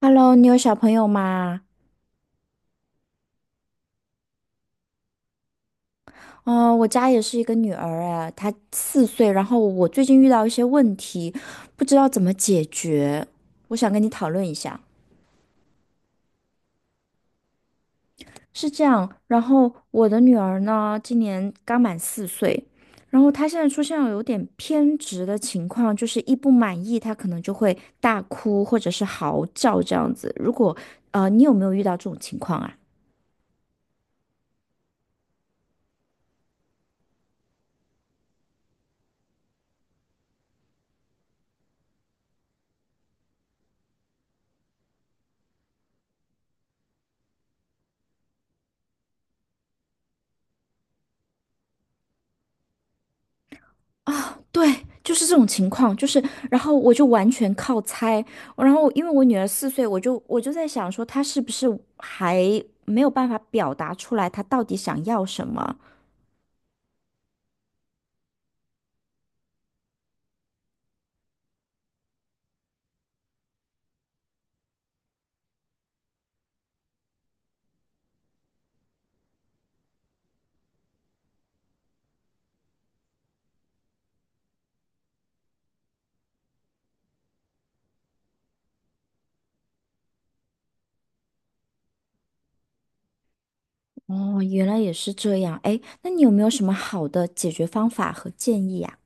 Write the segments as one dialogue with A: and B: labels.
A: Hello，你有小朋友吗？哦，我家也是一个女儿，哎，她四岁。然后我最近遇到一些问题，不知道怎么解决，我想跟你讨论一下。是这样，然后我的女儿呢，今年刚满四岁，然后她现在出现了有点偏执的情况，就是一不满意，她可能就会大哭或者是嚎叫这样子。如果你有没有遇到这种情况啊？啊，对，就是这种情况，就是，然后我就完全靠猜，然后因为我女儿四岁，我就在想说，她是不是还没有办法表达出来，她到底想要什么？哦，原来也是这样，哎，那你有没有什么好的解决方法和建议呀？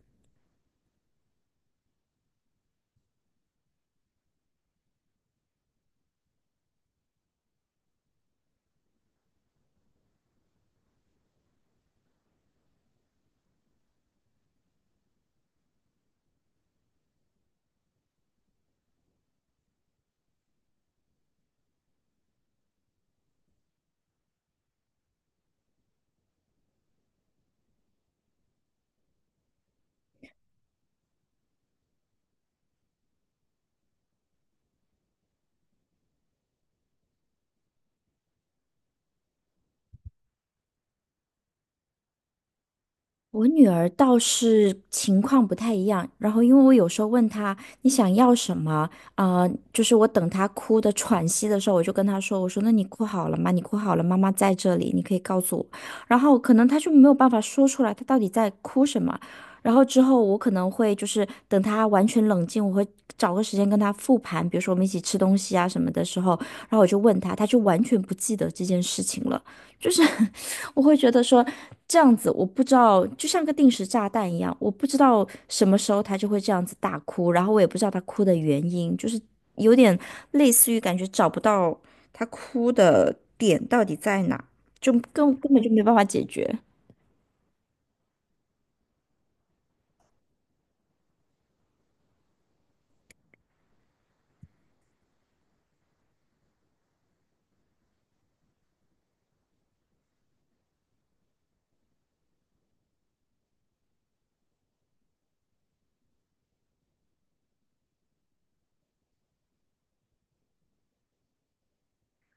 A: 我女儿倒是情况不太一样，然后因为我有时候问她你想要什么，就是我等她哭的喘息的时候，我就跟她说，我说那你哭好了吗？你哭好了，妈妈在这里，你可以告诉我。然后可能她就没有办法说出来，她到底在哭什么。然后之后我可能会就是等她完全冷静，我会找个时间跟她复盘，比如说我们一起吃东西啊什么的时候，然后我就问她，她就完全不记得这件事情了。就是 我会觉得说这样子，我不知道，就像个定时炸弹一样，我不知道什么时候他就会这样子大哭，然后我也不知道他哭的原因，就是有点类似于感觉找不到他哭的点到底在哪，就根本就没办法解决。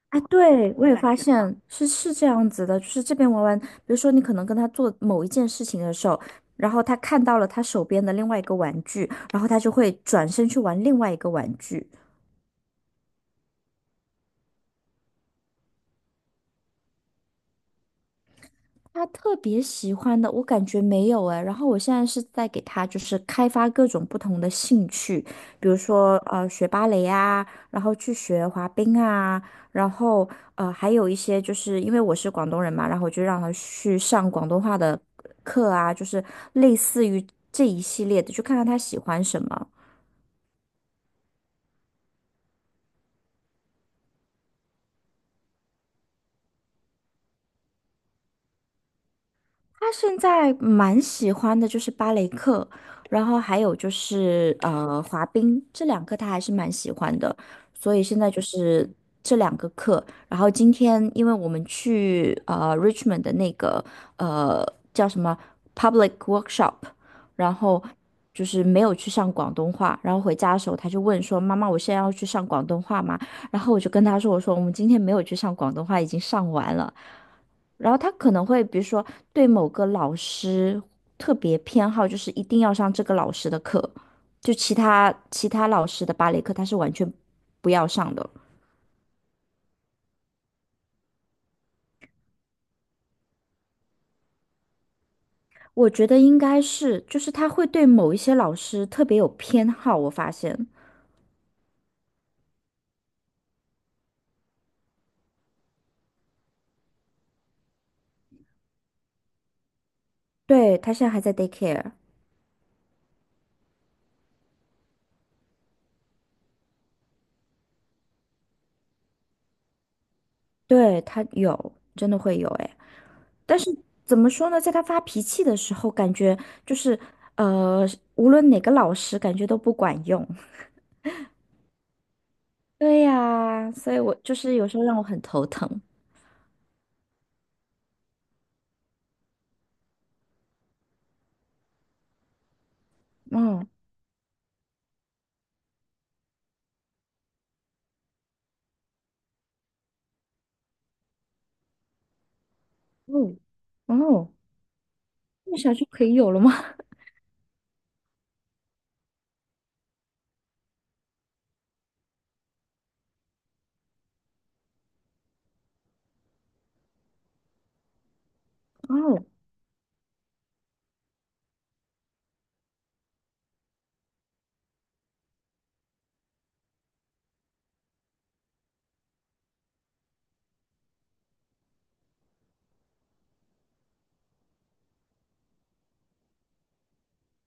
A: 啊，对，我也发现是这样子的，就是这边玩玩，比如说你可能跟他做某一件事情的时候，然后他看到了他手边的另外一个玩具，然后他就会转身去玩另外一个玩具。他特别喜欢的，我感觉没有哎。然后我现在是在给他就是开发各种不同的兴趣，比如说学芭蕾啊，然后去学滑冰啊，然后还有一些就是因为我是广东人嘛，然后我就让他去上广东话的课啊，就是类似于这一系列的，就看看他喜欢什么。他现在蛮喜欢的就是芭蕾课，然后还有就是滑冰，这两个他还是蛮喜欢的，所以现在就是这两个课。然后今天因为我们去Richmond 的那个呃叫什么 public workshop，然后就是没有去上广东话，然后回家的时候他就问说：“妈妈，我现在要去上广东话吗？”然后我就跟他说：“我说我们今天没有去上广东话，已经上完了。”然后他可能会，比如说对某个老师特别偏好，就是一定要上这个老师的课，就其他老师的芭蕾课他是完全不要上的。我觉得应该是，就是他会对某一些老师特别有偏好，我发现。对，他现在还在 daycare，对，他有，真的会有哎。但是怎么说呢，在他发脾气的时候，感觉就是呃，无论哪个老师，感觉都不管用。对呀，所以我就是有时候让我很头疼。嗯，哦哦那么小就可以有了吗？哦，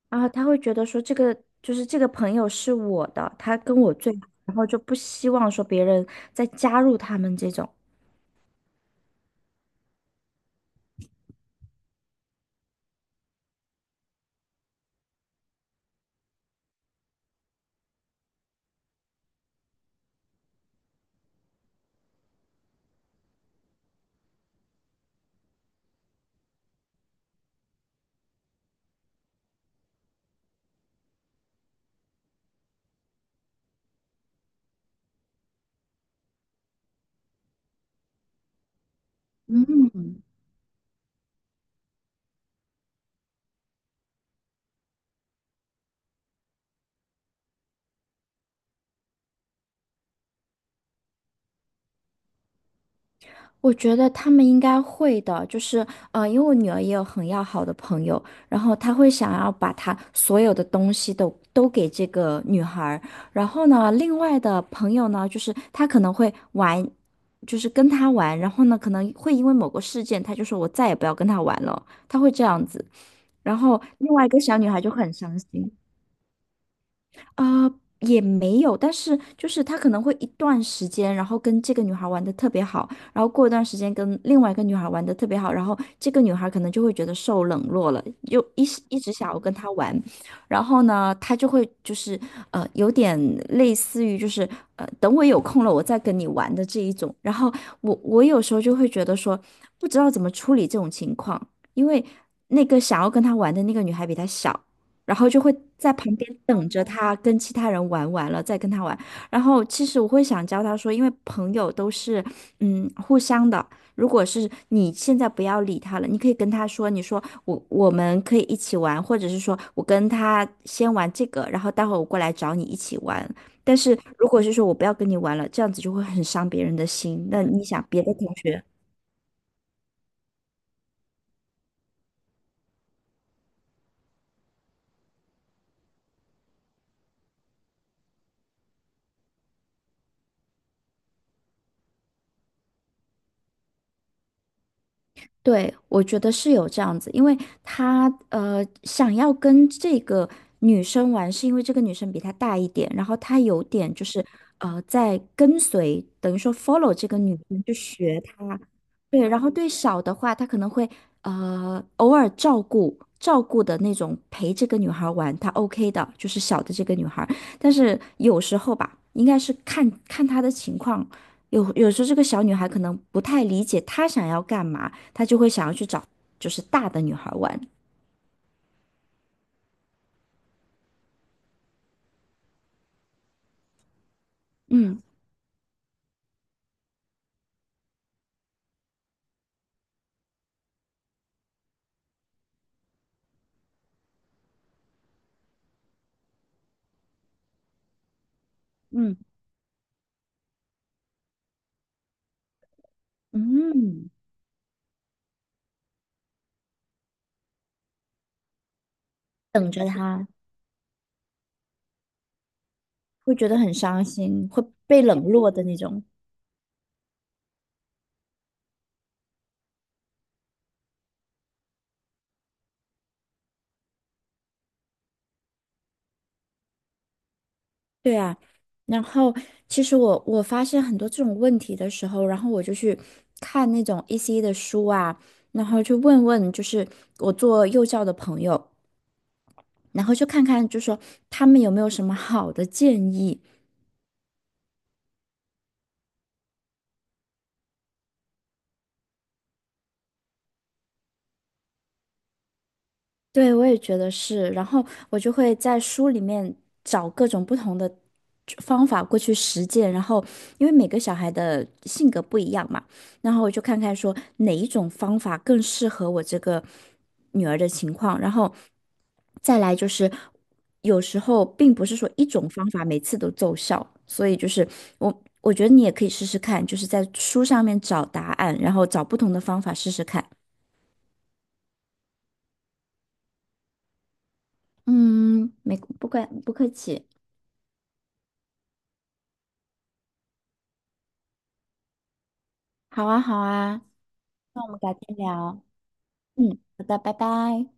A: 然后他会觉得说这个就是这个朋友是我的，他跟我最好，然后就不希望说别人再加入他们这种。嗯。我觉得他们应该会的，就是因为我女儿也有很要好的朋友，然后她会想要把她所有的东西都给这个女孩儿然后呢，另外的朋友呢，就是她可能会玩，就是跟她玩，然后呢，可能会因为某个事件，她就说我再也不要跟她玩了，她会这样子，然后另外一个小女孩就会很伤心。啊、也没有，但是就是他可能会一段时间，然后跟这个女孩玩的特别好，然后过一段时间跟另外一个女孩玩的特别好，然后这个女孩可能就会觉得受冷落了，就一时一直想要跟他玩，然后呢，他就会就是有点类似于就是等我有空了我再跟你玩的这一种，然后我有时候就会觉得说不知道怎么处理这种情况，因为那个想要跟他玩的那个女孩比他小。然后就会在旁边等着他跟其他人玩完了再跟他玩。然后其实我会想教他说，因为朋友都是互相的。如果是你现在不要理他了，你可以跟他说，你说我们可以一起玩，或者是说我跟他先玩这个，然后待会儿我过来找你一起玩。但是如果是说我不要跟你玩了，这样子就会很伤别人的心。那你想，别的同学。对，我觉得是有这样子，因为他想要跟这个女生玩，是因为这个女生比他大一点，然后他有点就是在跟随，等于说 follow 这个女生去学她。对，然后对小的话，他可能会偶尔照顾照顾的那种陪这个女孩玩，他 OK 的，就是小的这个女孩。但是有时候吧，应该是看看她的情况，有时候这个小女孩可能不太理解她想要干嘛。他就会想要去找就是大的女孩玩，嗯嗯嗯，等着他会觉得很伤心，会被冷落的那种。对啊，然后其实我发现很多这种问题的时候，然后我就去看那种 EC 的书啊，然后去问问就是我做幼教的朋友，然后就看看就说他们有没有什么好的建议。对，我也觉得是。然后我就会在书里面找各种不同的方法过去实践。然后，因为每个小孩的性格不一样嘛，然后我就看看说哪一种方法更适合我这个女儿的情况。然后再来就是，有时候并不是说一种方法每次都奏效，所以就是我觉得你也可以试试看，就是在书上面找答案，然后找不同的方法试试看。嗯，没，不客气。好啊，好啊，那我们改天聊。嗯，好的，拜拜。